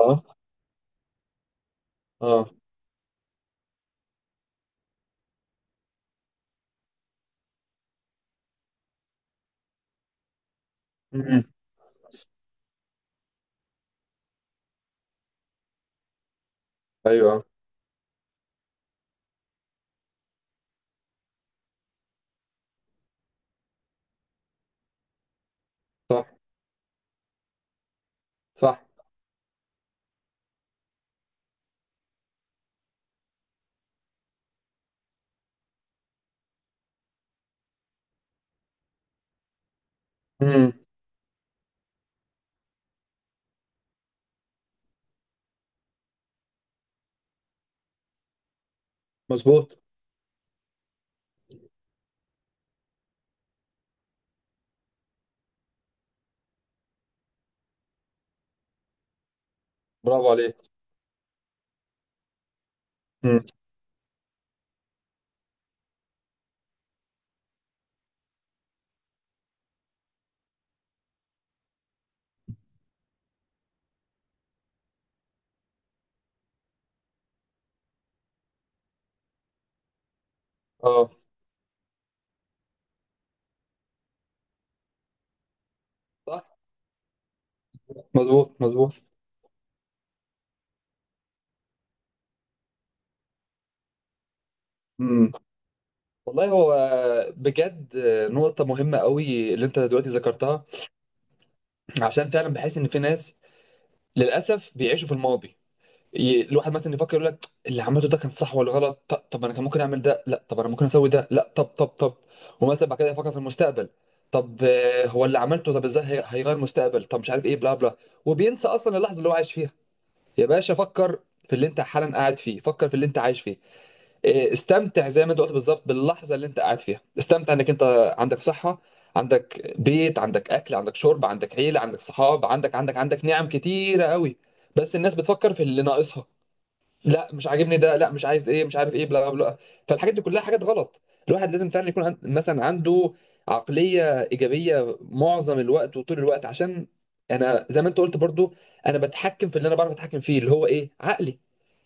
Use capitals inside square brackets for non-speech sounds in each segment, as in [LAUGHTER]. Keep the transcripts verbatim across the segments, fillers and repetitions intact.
اه، اه، مم. ايوه، صح، صح، مم. مظبوط، برافو عليك، مم. اه، صح، مظبوط، مظبوط، مم. والله هو بجد، نقطة مهمة قوي اللي انت دلوقتي ذكرتها، عشان فعلا بحس ان في ناس للأسف بيعيشوا في الماضي. ي- الواحد مثلا يفكر يقول لك اللي عملته ده كان صح ولا غلط، ط- طب انا كان ممكن اعمل ده، لا طب انا ممكن اسوي ده، لا طب طب طب. ومثلا بعد كده يفكر في المستقبل. طب، آه، هو اللي عملته، طب ازاي هي- هيغير مستقبل، طب مش عارف ايه، بلا بلا. وبينسى اصلا اللحظه اللي هو عايش فيها. يا باشا فكر في اللي انت حالا قاعد فيه، فكر في اللي انت عايش فيه. آه، استمتع زي ما انت قلت بالظبط باللحظه اللي انت قاعد فيها. استمتع انك انت عندك صحه، عندك بيت، عندك اكل، عندك شرب، عندك عيله، عندك صحاب، عندك عندك عندك نعم كتيره قوي. بس الناس بتفكر في اللي ناقصها، لا مش عاجبني ده، لا مش عايز ايه، مش عارف ايه، بلا بلا. فالحاجات دي كلها حاجات غلط. الواحد لازم فعلا يكون عند مثلا عنده عقلية إيجابية معظم الوقت وطول الوقت. عشان انا زي ما انت قلت برضو، انا بتحكم في اللي انا بعرف اتحكم فيه، اللي هو ايه، عقلي.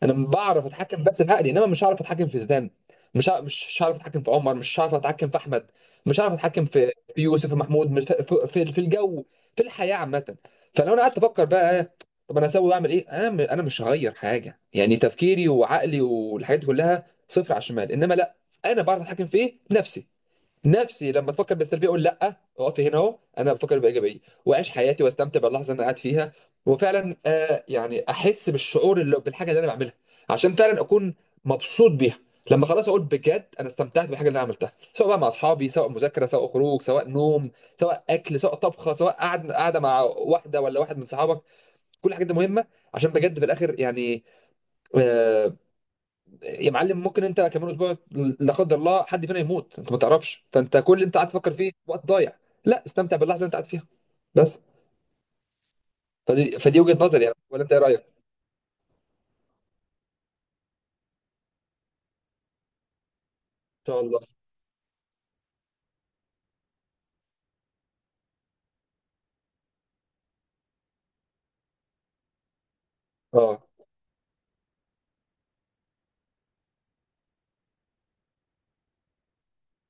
انا بعرف اتحكم بس بعقلي، انما مش هعرف اتحكم في زيدان، مش ه- مش هعرف اتحكم في عمر، مش هعرف اتحكم في احمد، مش هعرف اتحكم في في يوسف ومحمود، مش- في في في الجو، في الحياة عامة. فلو انا قعدت افكر بقى، طب انا اسوي واعمل ايه، انا م... انا مش هغير حاجه، يعني تفكيري وعقلي والحاجات دي كلها صفر على الشمال. انما لا، انا بعرف اتحكم في ايه، نفسي. نفسي لما تفكر بالسلبيه اقول لا، اقفي هنا اهو، انا بفكر بايجابيه واعيش حياتي واستمتع باللحظه اللي انا قاعد فيها. وفعلا آه يعني احس بالشعور، اللي بالحاجه اللي انا بعملها، عشان فعلا اكون مبسوط بيها. لما خلاص اقول بجد انا استمتعت بالحاجه اللي انا عملتها، سواء بقى مع اصحابي، سواء مذاكره، سواء خروج، سواء نوم، سواء اكل، سواء طبخه، سواء قعد قاعده مع واحده ولا واحد من صحابك. كل الحاجات دي مهمه، عشان بجد في الاخر يعني، آه، يا معلم ممكن انت كمان اسبوع لا قدر الله حد فينا يموت، انت ما تعرفش، فانت كل اللي انت قاعد تفكر فيه وقت ضايع. لا، استمتع باللحظه اللي انت قاعد فيها بس. فدي فدي وجهه نظري، يعني ولا انت ايه رايك؟ ان شاء الله. اه.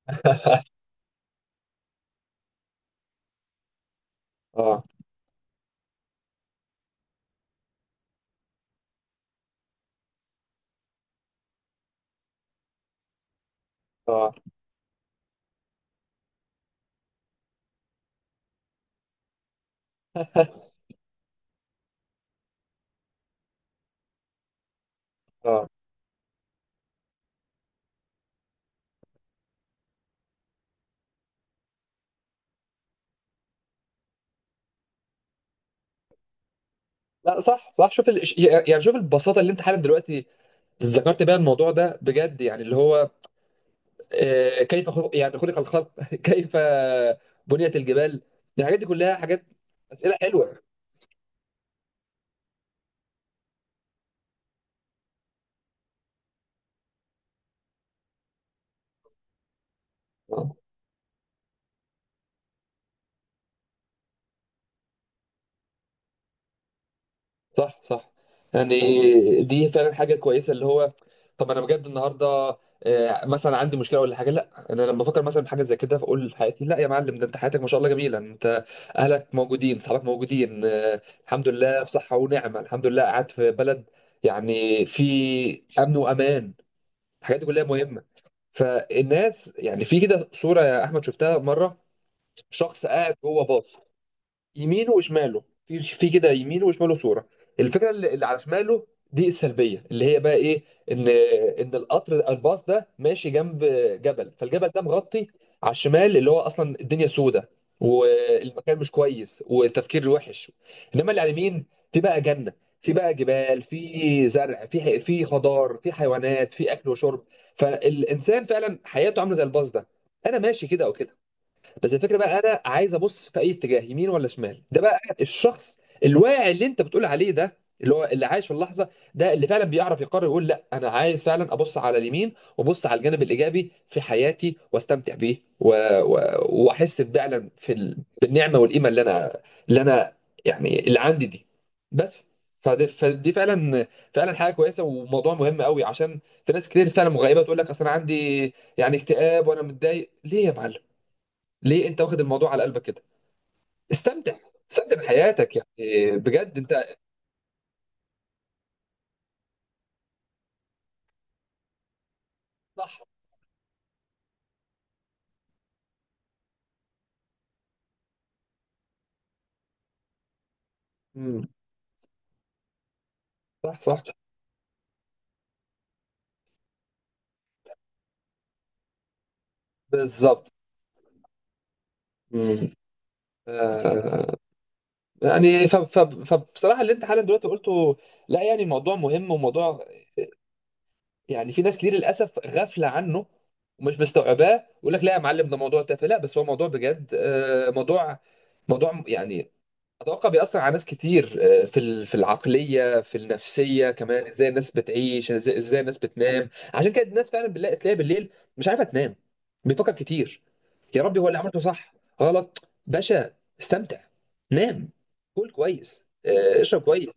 [LAUGHS] اه، اه، اه. لا صح، صح، شوف ال... يعني شوف البساطه اللي انت حالا دلوقتي ذكرت بيها الموضوع ده بجد، يعني اللي هو آه، كيف خلق، يعني خلق الخلق. [LAUGHS] كيف بنيت الجبال، الحاجات دي كلها حاجات. اسئله حلوه. آه، صح، صح. يعني دي فعلا حاجة كويسة، اللي هو طب أنا بجد النهاردة، آه، مثلا عندي مشكلة ولا حاجة، لا أنا لما أفكر مثلا بحاجة زي كده فأقول في حياتي، لا يا معلم ده أنت حياتك ما شاء الله جميلة، أنت أهلك موجودين، صحابك موجودين، آه، الحمد لله في صحة ونعمة، الحمد لله قاعد في بلد يعني في أمن وأمان. الحاجات دي كلها مهمة. فالناس، يعني في كده صورة يا أحمد شفتها مرة، شخص قاعد جوه باص، يمينه وشماله، في في كده يمينه وشماله صوره. الفكره اللي اللي على شماله دي السلبيه، اللي هي بقى ايه، ان ان القطر الباص ده ماشي جنب جبل، فالجبل ده مغطي على الشمال اللي هو اصلا الدنيا سودة، والمكان مش كويس، والتفكير وحش. انما اللي على اليمين في بقى جنه، في بقى جبال، في زرع، في ح- في خضار، في حيوانات، في اكل وشرب. فالانسان فعلا حياته عامله زي الباص ده، انا ماشي كده او كده، بس الفكره بقى انا عايز ابص في اي اتجاه، يمين ولا شمال. ده بقى الشخص الواعي اللي انت بتقول عليه، ده اللي هو اللي عايش في اللحظه، ده اللي فعلا بيعرف يقرر يقول لا انا عايز فعلا ابص على اليمين، وابص على الجانب الايجابي في حياتي واستمتع بيه، و... و... واحس فعلا في ال... بالنعمه والقيمه اللي انا اللي انا يعني اللي عندي دي بس. فدي, فدي فعلا فعلا حاجه كويسه، وموضوع مهم قوي، عشان في ناس كتير فعلا مغيبه، تقول لك اصل انا عندي يعني اكتئاب وانا متضايق. ليه يا معلم؟ ليه انت واخد الموضوع على قلبك كده؟ استمتع، استمتع بحياتك يعني، بجد انت. صح. مم. صح، صح. بالظبط. مم. آه يعني، ف- ف- فبصراحه اللي انت حالا دلوقتي قلته، لا يعني موضوع مهم، وموضوع يعني في ناس كتير للاسف غافله عنه، ومش مستوعباه، يقول لك لا يا معلم ده موضوع تافه. لا، بس هو موضوع بجد، آه، موضوع موضوع يعني اتوقع بيأثر على ناس كتير. آه، في ال-، في العقليه، في النفسيه كمان. ازاي الناس بتعيش، ازاي، إزاي النس بتنام. عشان كده الناس فعلا بنلاقي تلاقي بالليل مش عارفه تنام، بيفكر كتير، يا ربي هو اللي عملته صح غلط؟ باشا استمتع، نام، كل كويس، آه، اشرب كويس،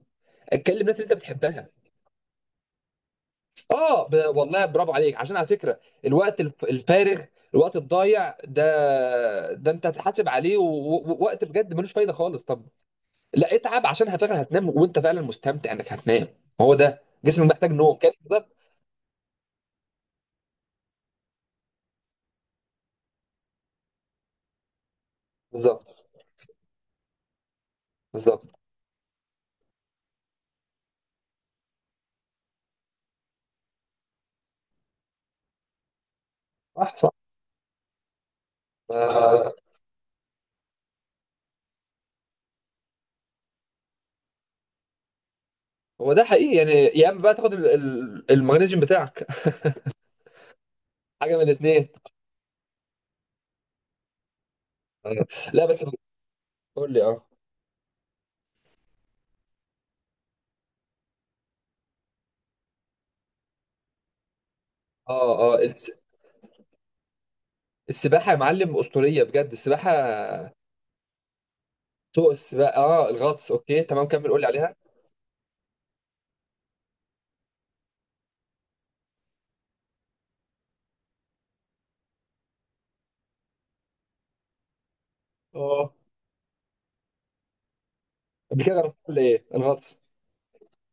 اتكلم ناس اللي انت بتحبها. اه ب... والله برافو عليك، عشان على فكره، الوقت الف- الفارغ، الوقت الضايع ده، ده انت هتحاسب عليه، ووقت بجد ملوش فايده خالص. طب لا اتعب عشان فعلا هتنام وانت فعلا مستمتع انك هتنام، هو ده جسمك محتاج نوم كده. بالظبط، بالظبط، بالظبط. صح، صح. آه، هو ده حقيقي يعني، يا اما بقى تاخد ال- ال- المغنيسيوم بتاعك، [LAUGHS] حاجه من الاثنين. لا بس، قول لي. اه. اه، اه الس- السباحه يا معلم اسطوريه، بجد السباحه. سوق السباحه، اه الغطس، اوكي تمام كمل قول لي عليها. اه قبل كده جربته ولا ايه الغطس؟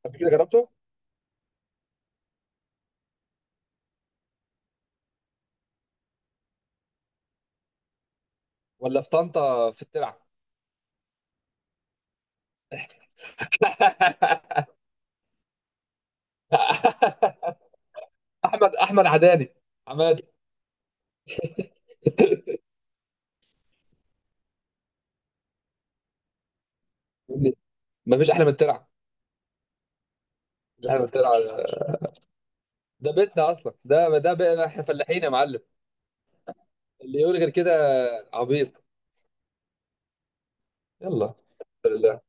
قبل كده جربته ولا في طنطا في الترعه؟ [LAUGHS] احمد، احمد عداني، عماد. ما فيش احلى من الترعه. مفيش احلى من الترعه. ده بيتنا اصلا، ده ده بقى احنا فلاحين يا معلم، اللي يقول غير كده عبيط. يلا. الحمد لله.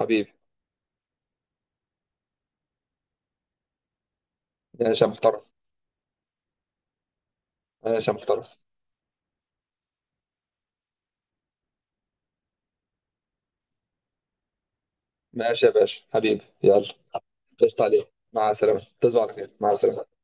حبيبي. ماشي يا محترس، ماشي يا محترس. ماشي يا باشا حبيبي يلا. قشطة عليك، مع السلامه، تصبح على خير، مع السلامه.